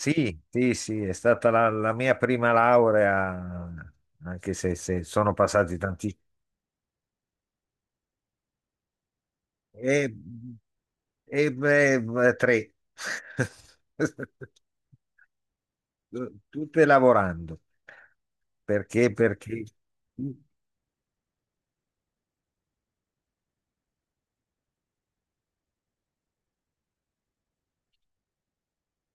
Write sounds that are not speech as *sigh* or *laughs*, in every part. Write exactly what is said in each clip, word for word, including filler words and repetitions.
Sì, sì, sì, è stata la, la mia prima laurea, anche se, se sono passati tanti. E, e, beh, tre, *laughs* tutte lavorando, perché, perché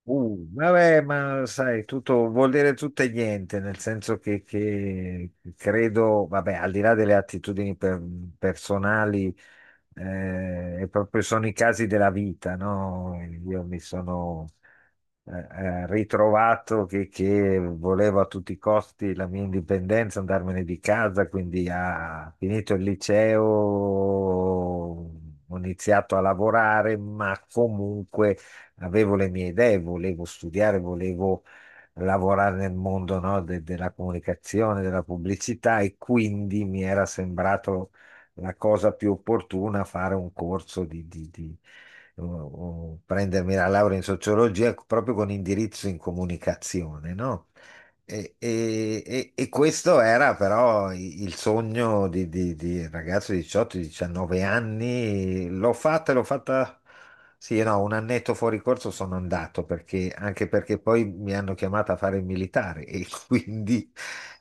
Uh, vabbè, ma sai, tutto vuol dire tutto e niente, nel senso che, che credo, vabbè, al di là delle attitudini per- personali, eh, proprio sono i casi della vita, no? Io mi sono eh, eh, ritrovato che, che volevo a tutti i costi la mia indipendenza, andarmene di casa, quindi ha finito il liceo, ho iniziato a lavorare, ma comunque avevo le mie idee, volevo studiare, volevo lavorare nel mondo, no, de- della comunicazione, della pubblicità, e quindi mi era sembrato la cosa più opportuna fare un corso di, di- di- o- o prendermi la laurea in sociologia proprio con indirizzo in comunicazione, no? E, e- e- e questo era però i- il sogno di, di- di ragazzo di diciotto diciannove anni. L'ho fatta, l'ho fatta, sì, no, un annetto fuori corso sono andato perché, anche perché poi mi hanno chiamato a fare il militare, e *laughs* quindi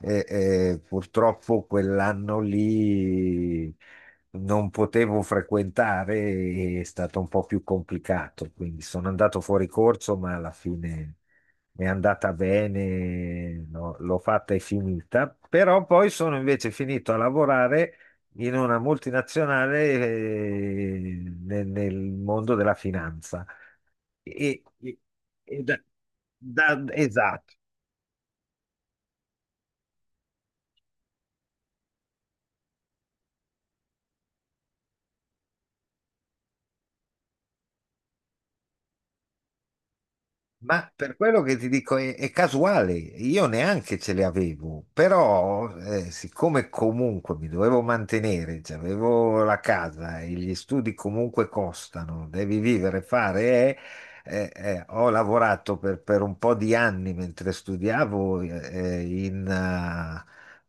e, e purtroppo quell'anno lì non potevo frequentare, e è stato un po' più complicato, quindi sono andato fuori corso, ma alla fine è andata bene, no, l'ho fatta e finita, però poi sono invece finito a lavorare in una multinazionale, eh, nel, nel mondo della finanza. E, e- e da- da- esatto. Ma per quello che ti dico è, è casuale, io neanche ce le avevo, però eh, siccome comunque mi dovevo mantenere, cioè avevo la casa e gli studi comunque costano, devi vivere, fare, eh, eh, eh, ho lavorato per, per un po' di anni mentre studiavo, eh, in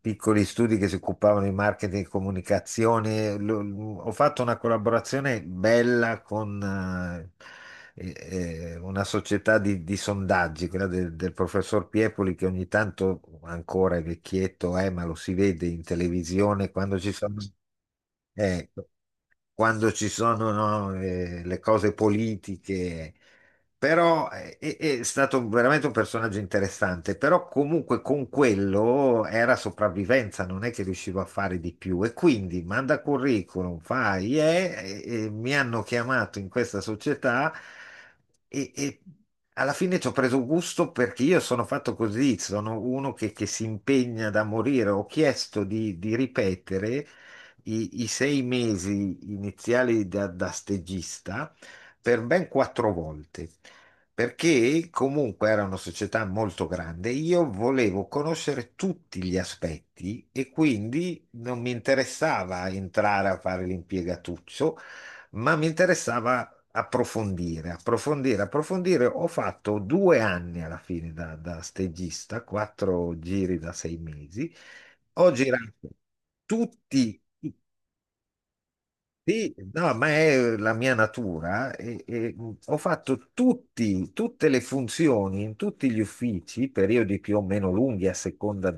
piccoli studi che si occupavano di marketing e comunicazione. Lo- lo- ho fatto una collaborazione bella con eh, eh, eh, una società di, di sondaggi, quella del, del professor Piepoli, che ogni tanto ancora, è vecchietto, eh, ma lo si vede in televisione quando ci sono. Ecco, quando ci sono, no, eh, le cose politiche. Però eh, è, è stato veramente un personaggio interessante, però comunque con quello era sopravvivenza, non è che riuscivo a fare di più. E quindi manda curriculum, fai, eh, e, e mi hanno chiamato in questa società e, e alla fine ci ho preso gusto perché io sono fatto così, sono uno che, che si impegna da morire. Ho chiesto di di ripetere i, i sei mesi iniziali da, da stagista per ben quattro volte, perché comunque era una società molto grande, io volevo conoscere tutti gli aspetti e quindi non mi interessava entrare a fare l'impiegatuccio, ma mi interessava... Approfondire, approfondire, approfondire. Ho fatto due anni alla fine da, da stagista, quattro giri da sei mesi, ho girato tutti, tutti, sì, no, ma è la mia natura. E, e ho fatto tutti, tutte le funzioni in tutti gli uffici, periodi più o meno lunghi a seconda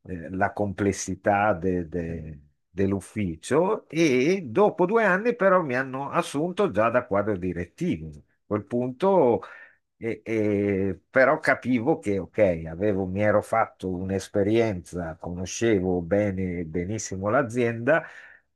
della complessità de- de- dell'ufficio. E dopo due anni, però, mi hanno assunto già da quadro direttivo, a quel punto. E- e- però capivo che, ok, avevo, mi ero fatto un'esperienza, conoscevo bene, benissimo l'azienda,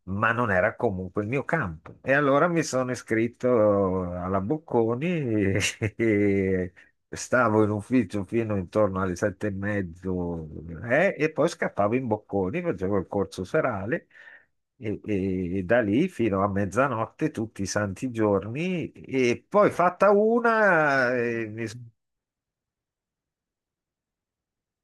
ma non era comunque il mio campo. E allora mi sono iscritto alla Bocconi, e *laughs* e stavo in ufficio fino intorno alle sette e mezzo, eh, e poi scappavo in Bocconi, facevo il corso serale. E, e- e da lì fino a mezzanotte tutti i santi giorni, e poi fatta una eh, mi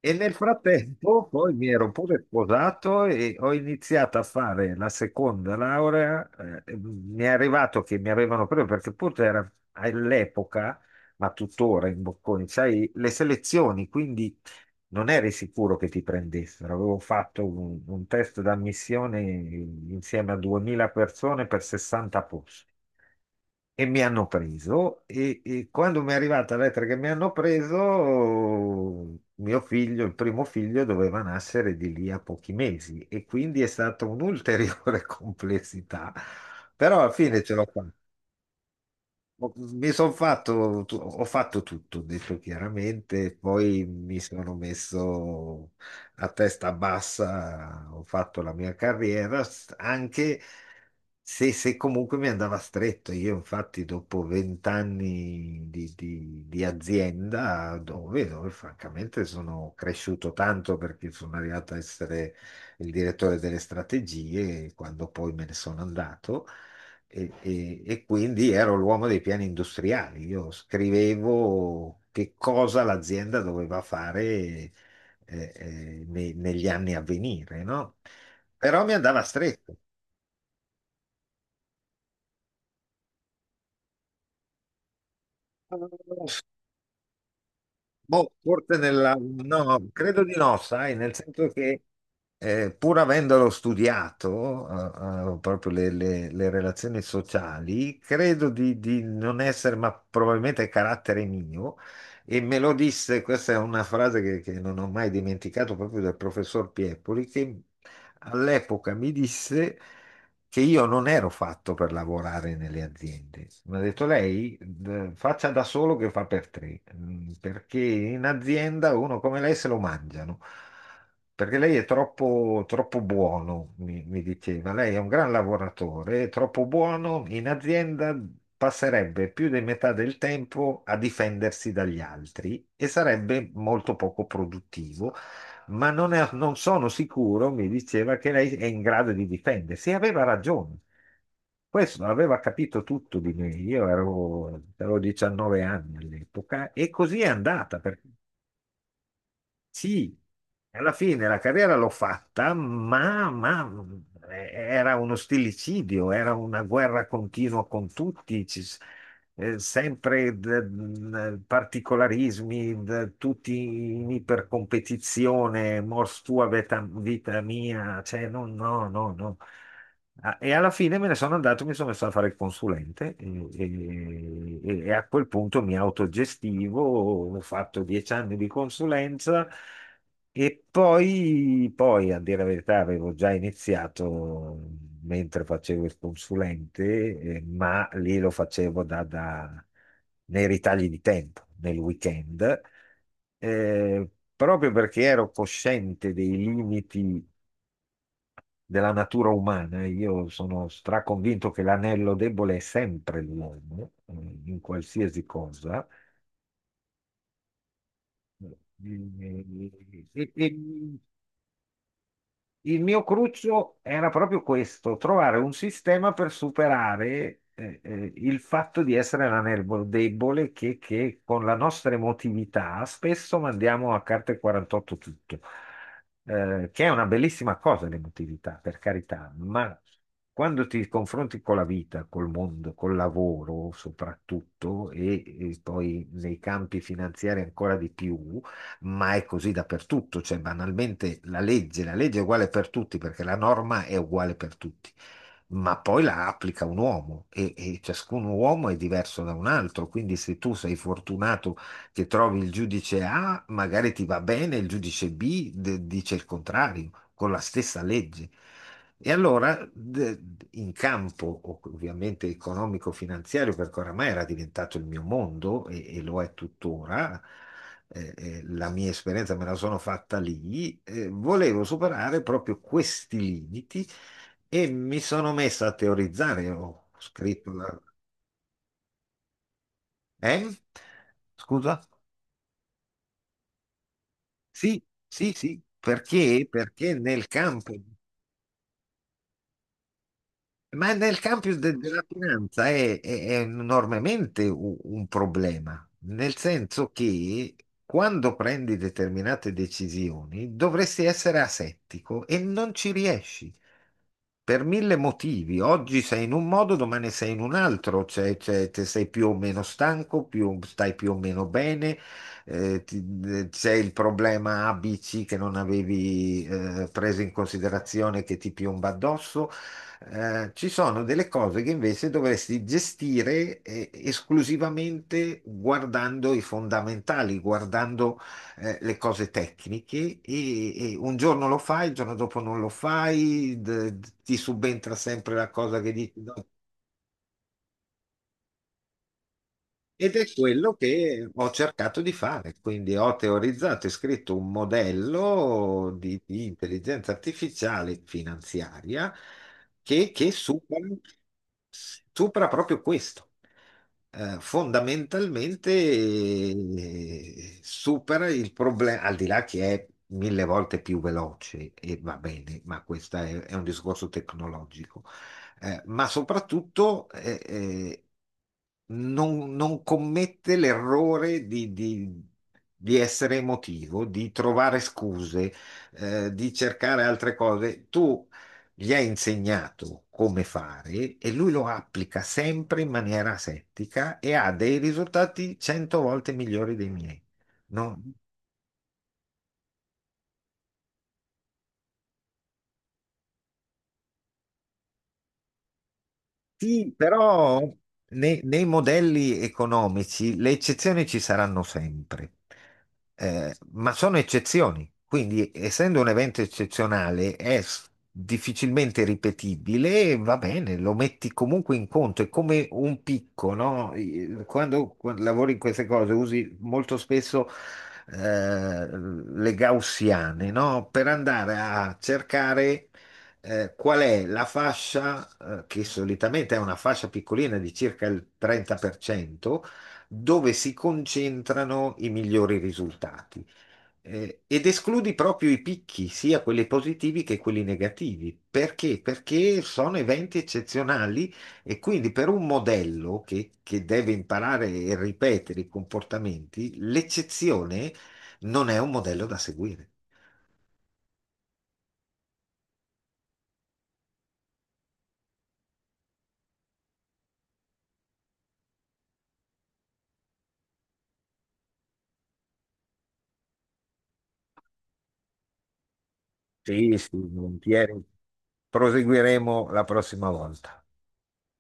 e nel frattempo poi mi ero pure sposato e ho iniziato a fare la seconda laurea. Eh, mi è arrivato che mi avevano preso perché pure era all'epoca, ma tuttora in Bocconi, sai, le selezioni, quindi non eri sicuro che ti prendessero. Avevo fatto un, un test d'ammissione insieme a duemila persone per sessanta, e mi hanno preso, e, e quando mi è arrivata la lettera che mi hanno preso, mio figlio, il primo figlio, doveva nascere di lì a pochi mesi, e quindi è stata un'ulteriore *laughs* complessità. Però alla fine ce l'ho fatta. Ho- Mi sono fatto, tu- ho fatto tutto, ho detto chiaramente, poi mi sono messo a testa bassa, ho fatto la mia carriera, s- anche se, se comunque mi andava stretto. Io infatti dopo vent'anni di, di- di azienda, dove, dove francamente sono cresciuto tanto perché sono arrivato a essere il direttore delle strategie, quando poi me ne sono andato. E, e- e quindi ero l'uomo dei piani industriali. Io scrivevo che cosa l'azienda doveva fare eh, eh, ne- negli anni a venire, no? Però mi andava stretto. Boh, forse nella... No, credo di no, sai, nel senso che eh, pur avendolo studiato, eh, eh, proprio le, le- le relazioni sociali, credo di, di non essere, ma probabilmente è carattere mio, e me lo disse, questa è una frase che, che non ho mai dimenticato proprio dal professor Piepoli, che all'epoca mi disse che io non ero fatto per lavorare nelle aziende. Mi ha detto: lei, d- faccia da solo che fa per tre, mm, perché in azienda uno come lei se lo mangiano, perché lei è troppo, troppo buono, mi, mi diceva, lei è un gran lavoratore, è troppo buono, in azienda passerebbe più di metà del tempo a difendersi dagli altri e sarebbe molto poco produttivo. Ma non, è- non sono sicuro, mi diceva che lei è in grado di difendersi. E aveva ragione. Questo aveva capito tutto di me. Io ero, avevo diciannove anni all'epoca e così è andata. Perché sì, alla fine la carriera l'ho fatta, ma, ma, eh, era uno stillicidio, era una guerra continua con tutti. Ci s- eh, sempre d- mh, particolarismi, d- tutti in ipercompetizione, mors tua veta- vita mia, cioè no, no, no, no. Ah, E alla fine me ne sono andato, mi sono messo a fare il consulente, e, e- e a quel punto mi autogestivo, ho fatto dieci anni di consulenza, e poi, poi, a dire la verità, avevo già iniziato mentre facevo il consulente, eh, ma lì lo facevo da, da- nei ritagli di tempo, nel weekend, eh, proprio perché ero cosciente dei limiti della natura umana. Io sono straconvinto che l'anello debole è sempre l'uomo, eh, in qualsiasi cosa. E, e- Il mio cruccio era proprio questo, trovare un sistema per superare eh, eh, il fatto di essere la nervo debole che, che con la nostra emotività spesso mandiamo a carte quarantotto tutto. Eh, che è una bellissima cosa l'emotività, per carità, ma quando ti confronti con la vita, col mondo, col lavoro soprattutto, e e poi nei campi finanziari ancora di più, ma è così dappertutto, cioè banalmente la legge, la legge è uguale per tutti perché la norma è uguale per tutti, ma poi la applica un uomo, e, e ciascun uomo è diverso da un altro, quindi se tu sei fortunato che trovi il giudice A, magari ti va bene, il giudice B d- dice il contrario, con la stessa legge. E allora, d- in campo ov- ovviamente economico-finanziario, perché oramai era diventato il mio mondo, e, e lo è tuttora, eh, eh, la mia esperienza me la sono fatta lì, eh, volevo superare proprio questi limiti, e mi sono messo a teorizzare, ho scritto la... Eh? Scusa? Sì, sì, sì, perché? Perché nel campo Ma nel campo de- della finanza è, è- è enormemente u- un problema, nel senso che quando prendi determinate decisioni dovresti essere asettico e non ci riesci per mille motivi. Oggi sei in un modo, domani sei in un altro, cioè, cioè, te sei più o meno stanco, più- stai più o meno bene, eh, ti- eh, c'è il problema A B C che non avevi eh, preso in considerazione, che ti piomba addosso. Eh, ci sono delle cose che invece dovresti gestire eh, esclusivamente guardando i fondamentali, guardando eh, le cose tecniche, e, e un giorno lo fai, il giorno dopo non lo fai, d- d- ti subentra sempre la cosa che dici no. Ed è quello che ho cercato di fare, quindi ho teorizzato e scritto un modello di, di intelligenza artificiale finanziaria che, che supera supera proprio questo. Eh, fondamentalmente eh, supera il problema, al di là che è mille volte più veloce e va bene, ma questo è, è un discorso tecnologico. Eh, ma soprattutto eh, eh, non, non commette l'errore di, di- di essere emotivo, di trovare scuse, eh, di cercare altre cose. Tu gli ha insegnato come fare e lui lo applica sempre in maniera asettica e ha dei risultati cento volte migliori dei miei. No? Sì, però nei, nei modelli economici le eccezioni ci saranno sempre. Eh, ma sono eccezioni, quindi essendo un evento eccezionale è s- difficilmente ripetibile, e va bene, lo metti comunque in conto, è come un picco, no? Eh, quando, quando lavori in queste cose usi molto spesso eh, le gaussiane, no? Per andare a cercare eh, qual è la fascia, eh, che solitamente è una fascia piccolina di circa il trenta per cento, dove si concentrano i migliori risultati. Eh, ed escludi proprio i picchi, sia quelli positivi che quelli negativi. Perché? Perché sono eventi eccezionali, e quindi per un modello che, che deve imparare e ripetere i comportamenti, l'eccezione non è un modello da seguire. Sì, sì, volentieri. Proseguiremo la prossima volta.